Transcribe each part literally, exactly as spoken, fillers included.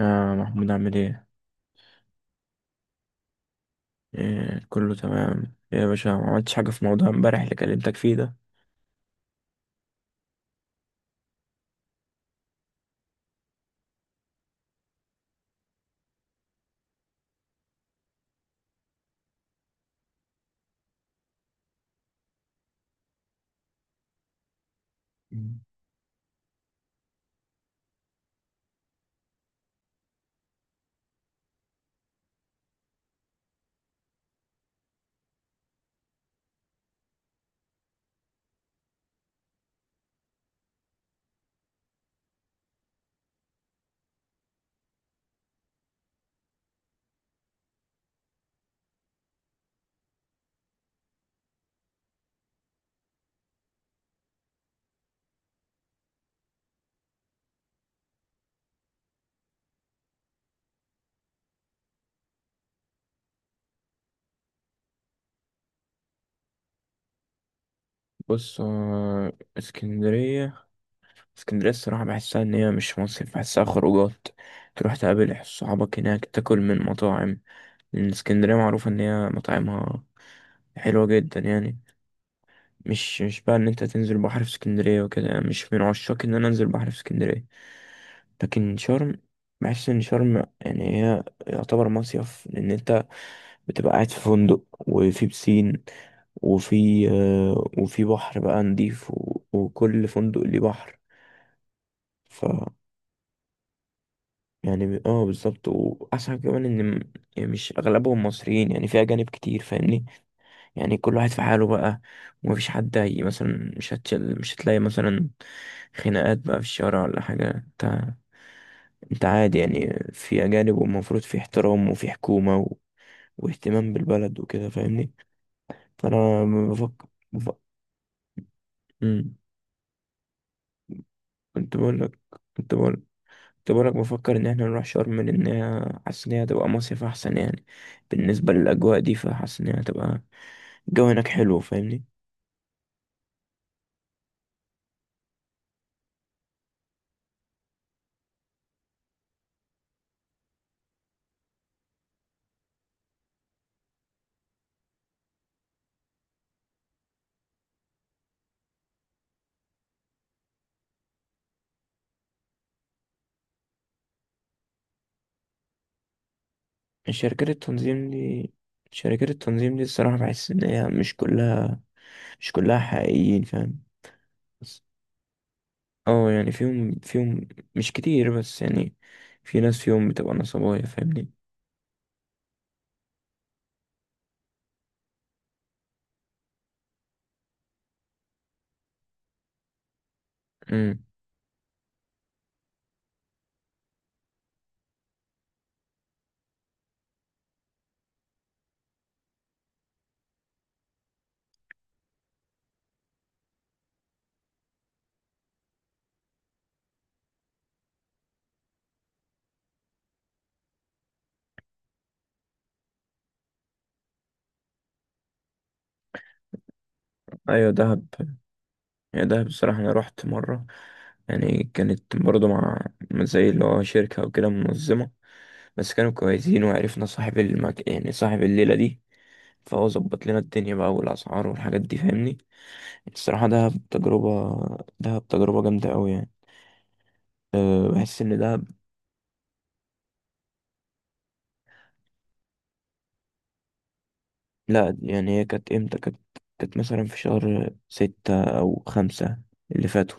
آه محمود، عامل ايه؟ إيه، كله تمام. إيه يا باشا، ما عملتش حاجة في موضوع امبارح اللي كلمتك فيه ده؟ بص، آه اسكندرية اسكندرية الصراحة بحسها إن هي مش مصيف، بحسها خروجات. تروح تقابل صحابك هناك، تاكل من مطاعم، لأن اسكندرية معروفة إن هي مطاعمها حلوة جدا. يعني مش مش بقى إن أنت تنزل بحر في اسكندرية وكده، يعني مش من عشاق إن أنا أنزل بحر في اسكندرية. لكن شرم، بحس إن شرم يعني هي يعتبر مصيف، لأن أنت بتبقى قاعد في فندق، وفي بسين، وفي آه، وفي بحر بقى نضيف، و- وكل فندق ليه بحر. يعني ب- اه بالظبط. واحسن حاجة كمان ان م- يعني مش اغلبهم مصريين، يعني في اجانب كتير فاهمني. يعني كل واحد في حاله بقى، ومفيش حد. هي مثلا مش هتشل، مش هتلاقي مثلا خناقات بقى في الشارع ولا حاجة، انت انت عادي يعني. في اجانب، والمفروض في احترام وفي حكومة و... واهتمام بالبلد وكده فاهمني. فانا بفكر بفكر. مم. كنت بقول لك كنت بقول كنت بقولك بفكر إن احنا نروح شرم، لأن هي- حاسس إن هي هتبقى مصيف أحسن يعني. بالنسبة للأجواء دي فحاسس إن هي هتبقى، الجو هناك حلو فاهمني. شركات التنظيم دي شركات التنظيم دي الصراحة بحس إن هي مش كلها مش كلها حقيقيين فاهم. بس اه يعني فيهم فيهم، مش كتير بس يعني، في ناس فيهم بتبقى نصابية فاهمني. امم. أيوة، دهب. يعني ده بصراحة أنا رحت مرة، يعني كانت برضو مع مع زي اللي هو شركة وكده منظمة. بس كانوا كويسين، وعرفنا صاحب المك... يعني صاحب الليلة دي، فهو ظبط لنا الدنيا بقى والأسعار والحاجات دي فاهمني. يعني الصراحة دهب تجربة دهب تجربة جامدة أوي يعني. أه، بحس إن دهب. لأ يعني هي كانت إمتى كانت، كانت مثلا في شهر ستة أو خمسة اللي فاتوا.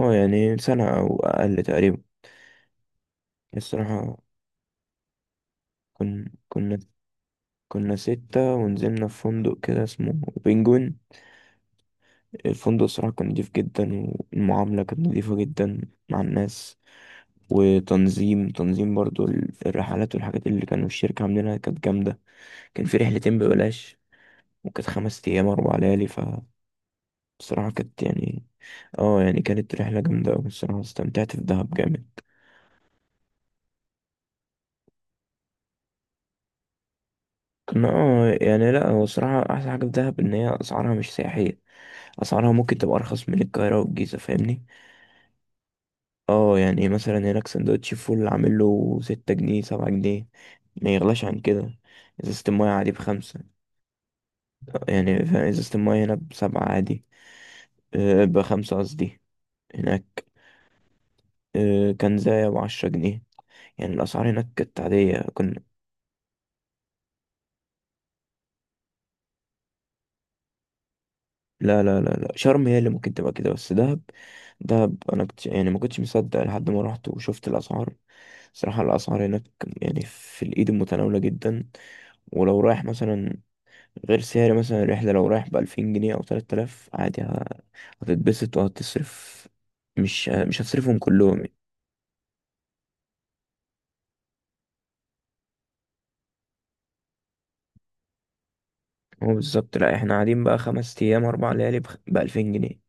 اه يعني سنة أو أقل تقريبا الصراحة. كن... كنا كنا ستة، ونزلنا في فندق كده اسمه بنجوين. الفندق الصراحة كان نضيف جدا، والمعاملة كانت نضيفة جدا مع الناس. وتنظيم تنظيم برضو ال- الرحلات والحاجات اللي كانوا الشركة عاملينها كانت جامدة. كان في رحلتين ببلاش، وكانت خمس أيام أربع ليالي، فبصراحة كانت يعني. اه يعني كانت رحلة جامدة أوي الصراحة، استمتعت في دهب جامد. كنا، اه يعني لا، هو الصراحة أحسن حاجة في دهب إن هي أسعارها مش سياحية، أسعارها ممكن تبقى أرخص من القاهرة والجيزة فاهمني. اه يعني مثلا هناك سندوتش فول عامل له ستة جنيه سبعة جنيه، ما يغلاش عن كده. ازازة المايه عادي بخمسة، يعني فاهم ازازة المايه هنا بسبعة عادي. أه، بخمسة قصدي هناك. أه، كان زي بعشرة جنيه. يعني الأسعار هناك كانت عادية. كنا. لا لا لا لا، شرم هي اللي ممكن تبقى كده، بس دهب، دهب أنا كنت يعني ما كنتش مصدق لحد ما رحت وشفت الأسعار. صراحة الأسعار هناك، يعني في الإيد، متناولة جدا. ولو رايح مثلا، غير سعر مثلا الرحلة، لو رايح بألفين جنيه أو تلات آلاف عادي ه- هتتبسط وهتصرف، مش مش هتصرفهم كلهم يعني. هو بالظبط. لأ، احنا قاعدين بقى خمس أيام أربع ليالي بخ- بألفين جنيه.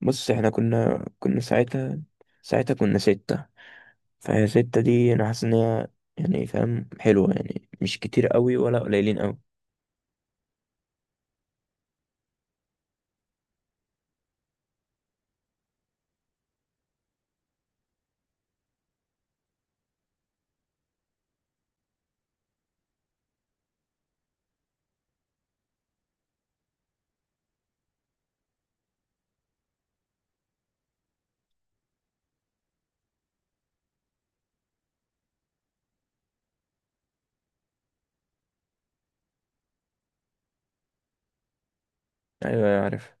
بص، احنا كنا كنا ساعتها، ساعتها كنا ستة، فهي ستة دي أنا حاسس إن هي يعني فاهم حلوة، يعني مش كتير قوي ولا قليلين قوي. أيوة، أيوة، عارف.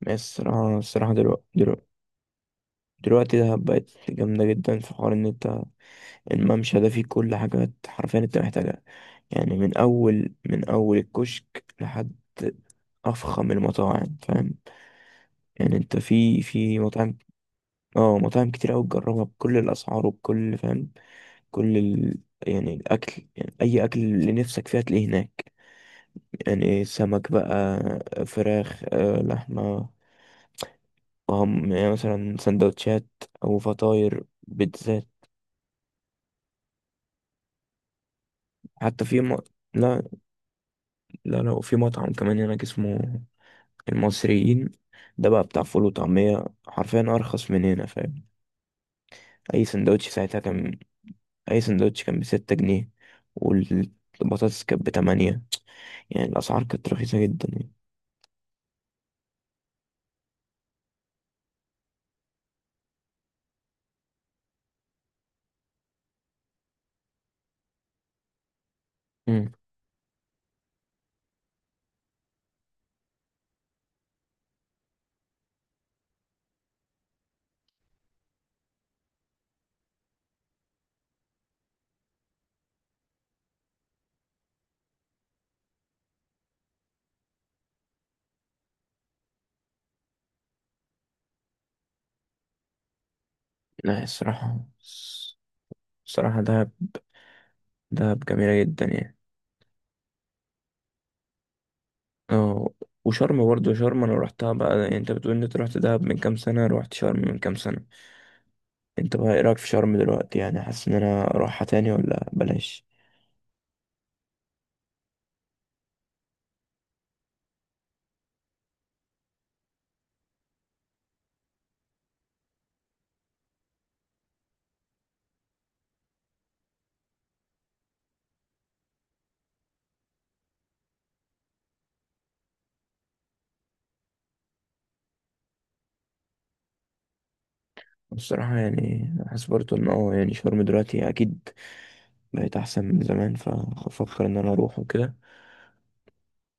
بس الصراحة الصراحة دلوقتي دلوقتي دلوقتي دهب بقت جامدة جدا، في حوار إن أنت الممشى ده فيه كل حاجة حرفيا أنت محتاجها. يعني من أول من أول الكشك لحد أفخم المطاعم فاهم. يعني أنت في في مطاعم، اه مطاعم كتير أوي تجربها بكل الأسعار وبكل فاهم. كل ال... يعني الأكل، يعني أي أكل اللي نفسك فيه هتلاقيه هناك. يعني سمك بقى، فراخ، آه، لحمة، وهم يعني مثلا سندوتشات أو فطاير بيتزات. حتى في م... لا، لا، لا، وفي مطعم كمان هناك اسمه المصريين. ده بقى بتاع فول وطعمية حرفيا أرخص من هنا فاهم. أي سندوتش ساعتها كان أي سندوتش كان بستة جنيه، والبطاطس كانت بتمانية، يعني الأسعار كانت رخيصة جدا يعني. مم. لا، الصراحة الصراحة دهب دهب جميلة جدا يعني. اه، وشرم برضه، شرم أنا روحتها بقى، يعني أنت بتقول إن أنت روحت دهب من كام سنة، روحت شرم من كام سنة، أنت بقى إيه رأيك في شرم دلوقتي؟ يعني حاسس إن أنا أروحها تاني ولا بلاش؟ الصراحة يعني حاسس برضه إن هو يعني شرم دلوقتي أكيد بقت أحسن من زمان، فأفكر إن أنا أروح وكده،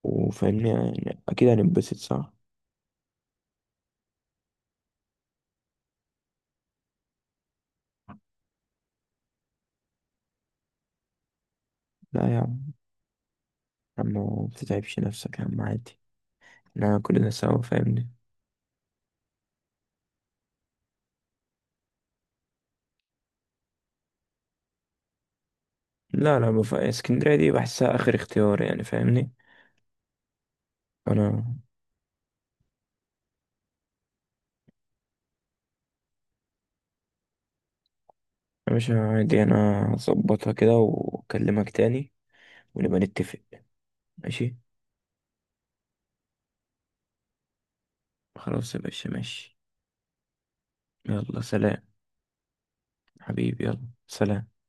وفاهمني يعني أكيد هنتبسط، صح؟ لا يا عم، يا عم ما بتتعبش نفسك يا عم، عادي، إحنا كلنا سوا فاهمني. لا، لا، بف... اسكندرية دي بحسها آخر اختيار يعني فاهمني. أنا، يا باشا عادي، أنا هظبطها كده وأكلمك تاني، ونبقى نتفق، ماشي؟ خلاص يا باشا، ماشي، يلا سلام. حبيبي، يلا سلام.